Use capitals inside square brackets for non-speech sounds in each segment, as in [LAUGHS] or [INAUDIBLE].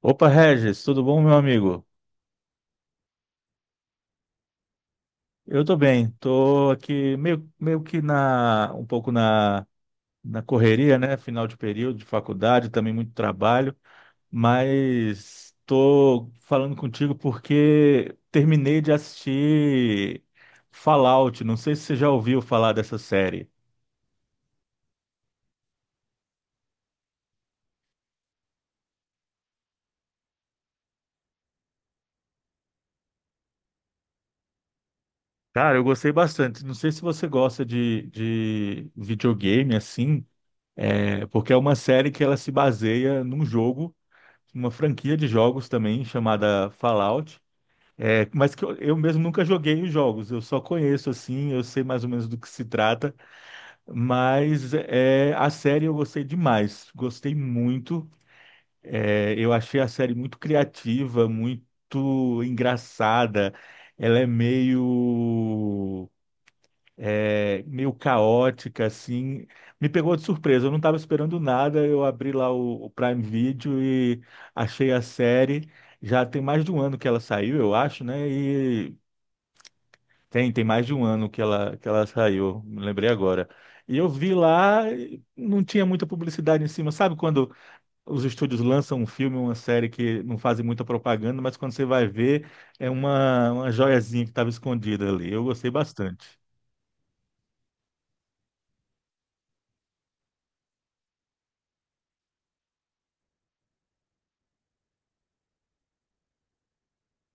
Opa, Regis, tudo bom, meu amigo? Eu tô bem, tô aqui um pouco na correria, né? Final de período de faculdade, também muito trabalho, mas tô falando contigo porque terminei de assistir Fallout. Não sei se você já ouviu falar dessa série. Cara, eu gostei bastante. Não sei se você gosta de videogame assim, porque é uma série que ela se baseia num jogo. Uma franquia de jogos também chamada Fallout. Mas que eu mesmo nunca joguei os jogos, eu só conheço assim, eu sei mais ou menos do que se trata, a série eu gostei demais, gostei muito. Eu achei a série muito criativa, muito engraçada. Ela é meio caótica, assim. Me pegou de surpresa, eu não estava esperando nada. Eu abri lá o Prime Video e achei a série. Já tem mais de um ano que ela saiu, eu acho, né? E tem mais de um ano que ela saiu, me lembrei agora. E eu vi lá, e não tinha muita publicidade em cima. Sabe quando os estúdios lançam um filme, uma série que não fazem muita propaganda, mas quando você vai ver, é uma joiazinha que estava escondida ali. Eu gostei bastante.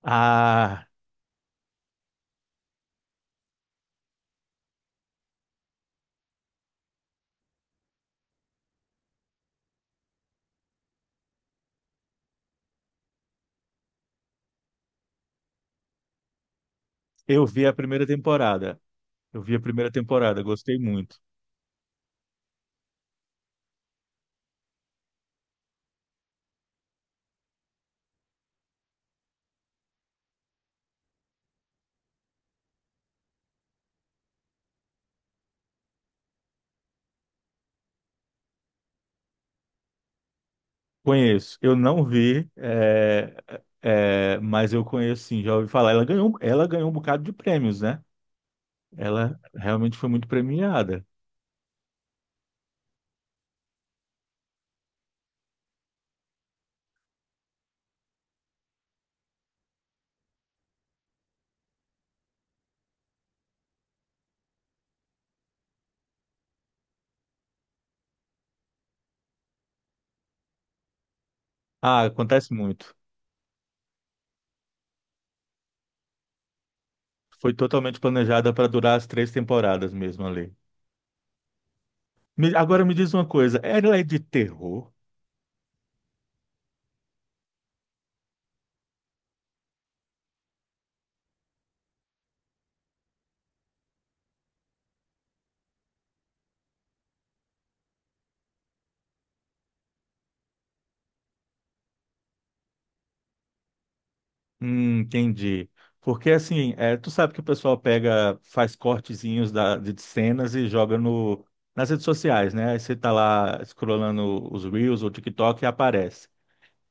Ah. Eu vi a primeira temporada. Eu vi a primeira temporada, gostei muito. Conheço. Eu não vi, mas eu conheço sim, já ouvi falar. Ela ganhou um bocado de prêmios, né? Ela realmente foi muito premiada. Ah, acontece muito. Foi totalmente planejada para durar as três temporadas mesmo ali. Agora me diz uma coisa, ela é de terror? Entendi. Porque assim, tu sabe que o pessoal pega, faz cortezinhos de cenas e joga no, nas redes sociais, né? Aí você tá lá scrollando os Reels ou TikTok e aparece.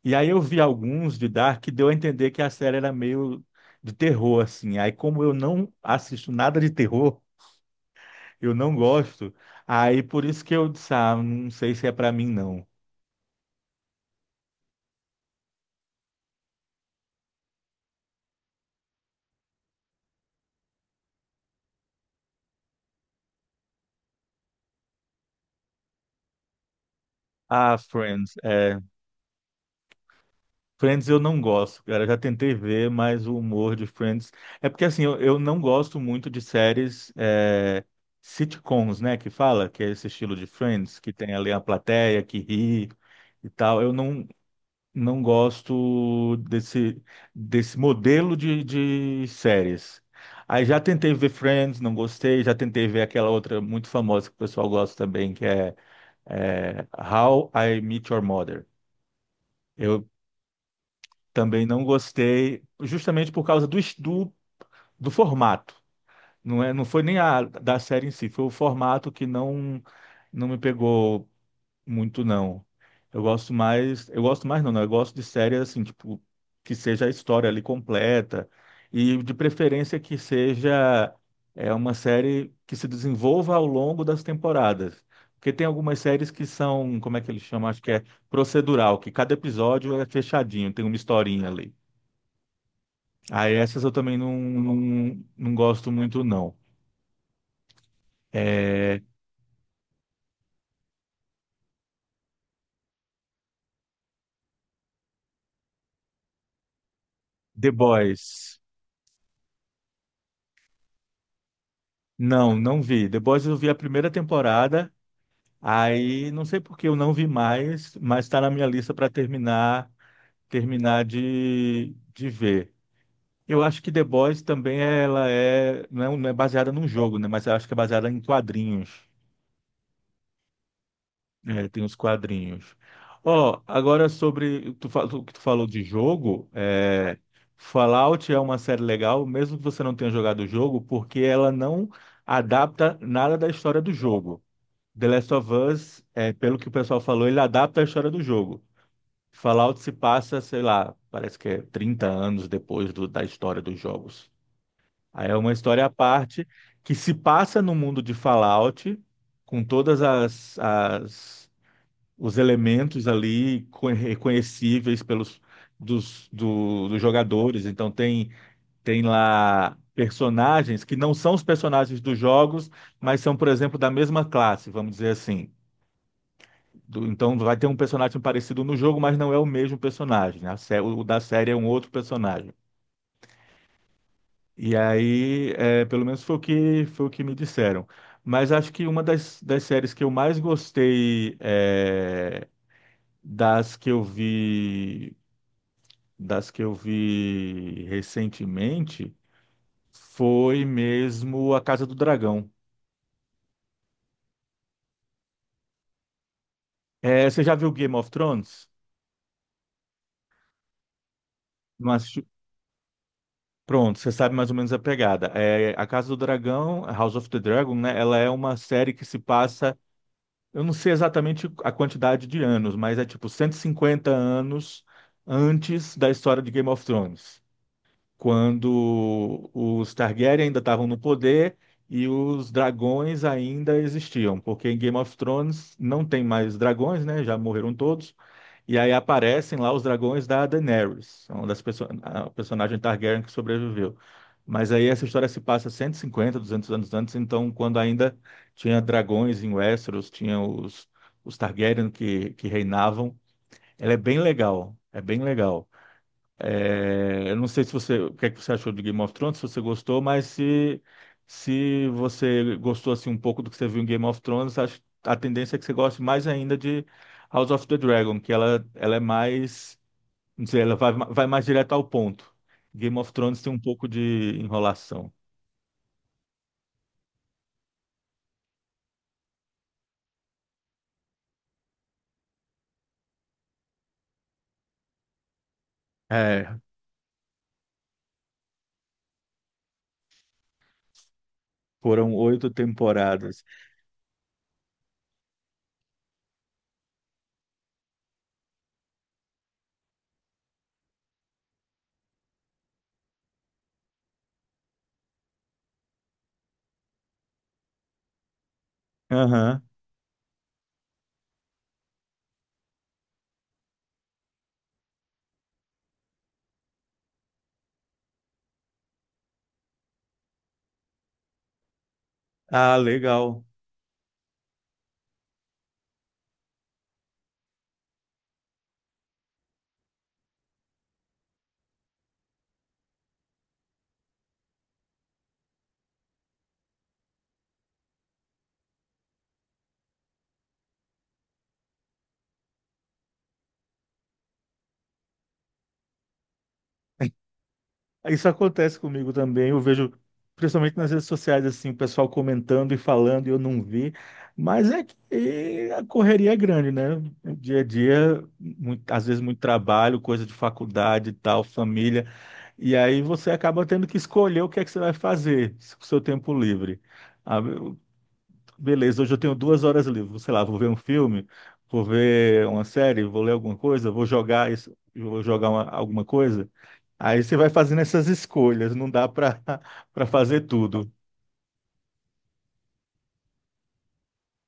E aí eu vi alguns de Dark que deu a entender que a série era meio de terror, assim. Aí como eu não assisto nada de terror, [LAUGHS] eu não gosto, aí por isso que eu disse, ah, não sei se é pra mim, não. Ah, Friends. Friends eu não gosto, cara. Eu já tentei ver, mas o humor de Friends. É porque assim, eu não gosto muito de séries sitcoms, né? Que fala, que é esse estilo de Friends, que tem ali a plateia que ri e tal. Eu não, não gosto desse modelo de séries. Aí já tentei ver Friends, não gostei. Já tentei ver aquela outra muito famosa que o pessoal gosta também, é How I Met Your Mother. Eu também não gostei, justamente por causa do formato. Não foi nem a da série em si, foi o formato que não não me pegou muito, não. Eu gosto mais não, não, eu gosto de séries assim, tipo, que seja a história ali completa e de preferência que seja uma série que se desenvolva ao longo das temporadas. Porque tem algumas séries que são, como é que eles chamam? Acho que é procedural, que cada episódio é fechadinho, tem uma historinha ali. Aí essas eu também não gosto muito, não. É, The Boys. Não, não vi. The Boys eu vi a primeira temporada, aí não sei por que eu não vi mais, mas está na minha lista para terminar, terminar de ver. Eu acho que The Boys também ela é, não é baseada num jogo, né? Mas eu acho que é baseada em quadrinhos. É, tem os quadrinhos. Ó, agora sobre tu, o que tu falou de jogo, Fallout é uma série legal, mesmo que você não tenha jogado o jogo, porque ela não adapta nada da história do jogo. The Last of Us, pelo que o pessoal falou, ele adapta a história do jogo. Fallout se passa, sei lá, parece que é 30 anos depois da história dos jogos. Aí é uma história à parte que se passa no mundo de Fallout, com todas as, as os elementos ali reconhecíveis pelos dos jogadores. Então tem lá personagens que não são os personagens dos jogos, mas são, por exemplo, da mesma classe, vamos dizer assim. Então vai ter um personagem parecido no jogo, mas não é o mesmo personagem, né? O da série é um outro personagem. E aí, pelo menos foi o que me disseram. Mas acho que uma das séries que eu mais gostei, das que eu vi, recentemente, foi mesmo A Casa do Dragão. É, você já viu Game of Thrones? Não assistiu? Pronto, você sabe mais ou menos a pegada. É, A Casa do Dragão, House of the Dragon, né? Ela é uma série que se passa, eu não sei exatamente a quantidade de anos, mas é tipo 150 anos antes da história de Game of Thrones, quando os Targaryen ainda estavam no poder e os dragões ainda existiam, porque em Game of Thrones não tem mais dragões, né? Já morreram todos. E aí aparecem lá os dragões da Daenerys, é uma das perso a personagem Targaryen que sobreviveu. Mas aí essa história se passa 150, 200 anos antes, então quando ainda tinha dragões em Westeros, tinha os Targaryen que reinavam. Ela é bem legal, é bem legal. É, eu não sei se você, o que é que você achou de Game of Thrones, se você gostou, mas se você gostou assim um pouco do que você viu em Game of Thrones, acho, a tendência é que você goste mais ainda de House of the Dragon, que ela é mais, não sei, vai mais direto ao ponto. Game of Thrones tem um pouco de enrolação. É, foram oito temporadas. Aham. Ah, legal. Isso acontece comigo também. Eu vejo, principalmente nas redes sociais, assim, o pessoal comentando e falando e eu não vi. Mas é que a correria é grande, né? Dia a dia, às vezes muito trabalho, coisa de faculdade, e tal, família. E aí você acaba tendo que escolher o que é que você vai fazer com o seu tempo livre. Ah, eu- Beleza, hoje eu tenho 2 horas livres. Sei lá, vou ver um filme, vou ver uma série, vou ler alguma coisa, vou jogar isso, vou jogar alguma coisa. Aí você vai fazendo essas escolhas, não dá para [LAUGHS] para fazer tudo.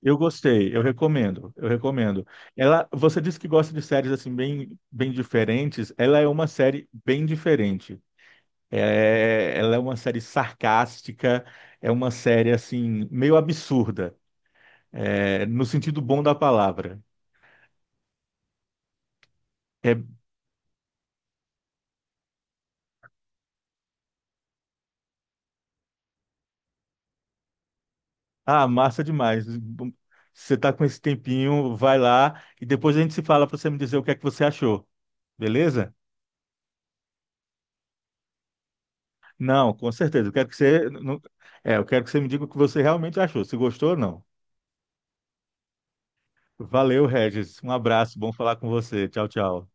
Eu gostei, eu recomendo, eu recomendo. Ela, você disse que gosta de séries assim bem diferentes. Ela é uma série bem diferente. Ela é uma série sarcástica, é uma série assim meio absurda, é, no sentido bom da palavra. É, ah, massa demais. Você tá com esse tempinho, vai lá e depois a gente se fala para você me dizer o que é que você achou, beleza? Não, com certeza. Eu quero que você, eu quero que você me diga o que você realmente achou, se gostou ou não. Valeu, Regis. Um abraço, bom falar com você. Tchau, tchau.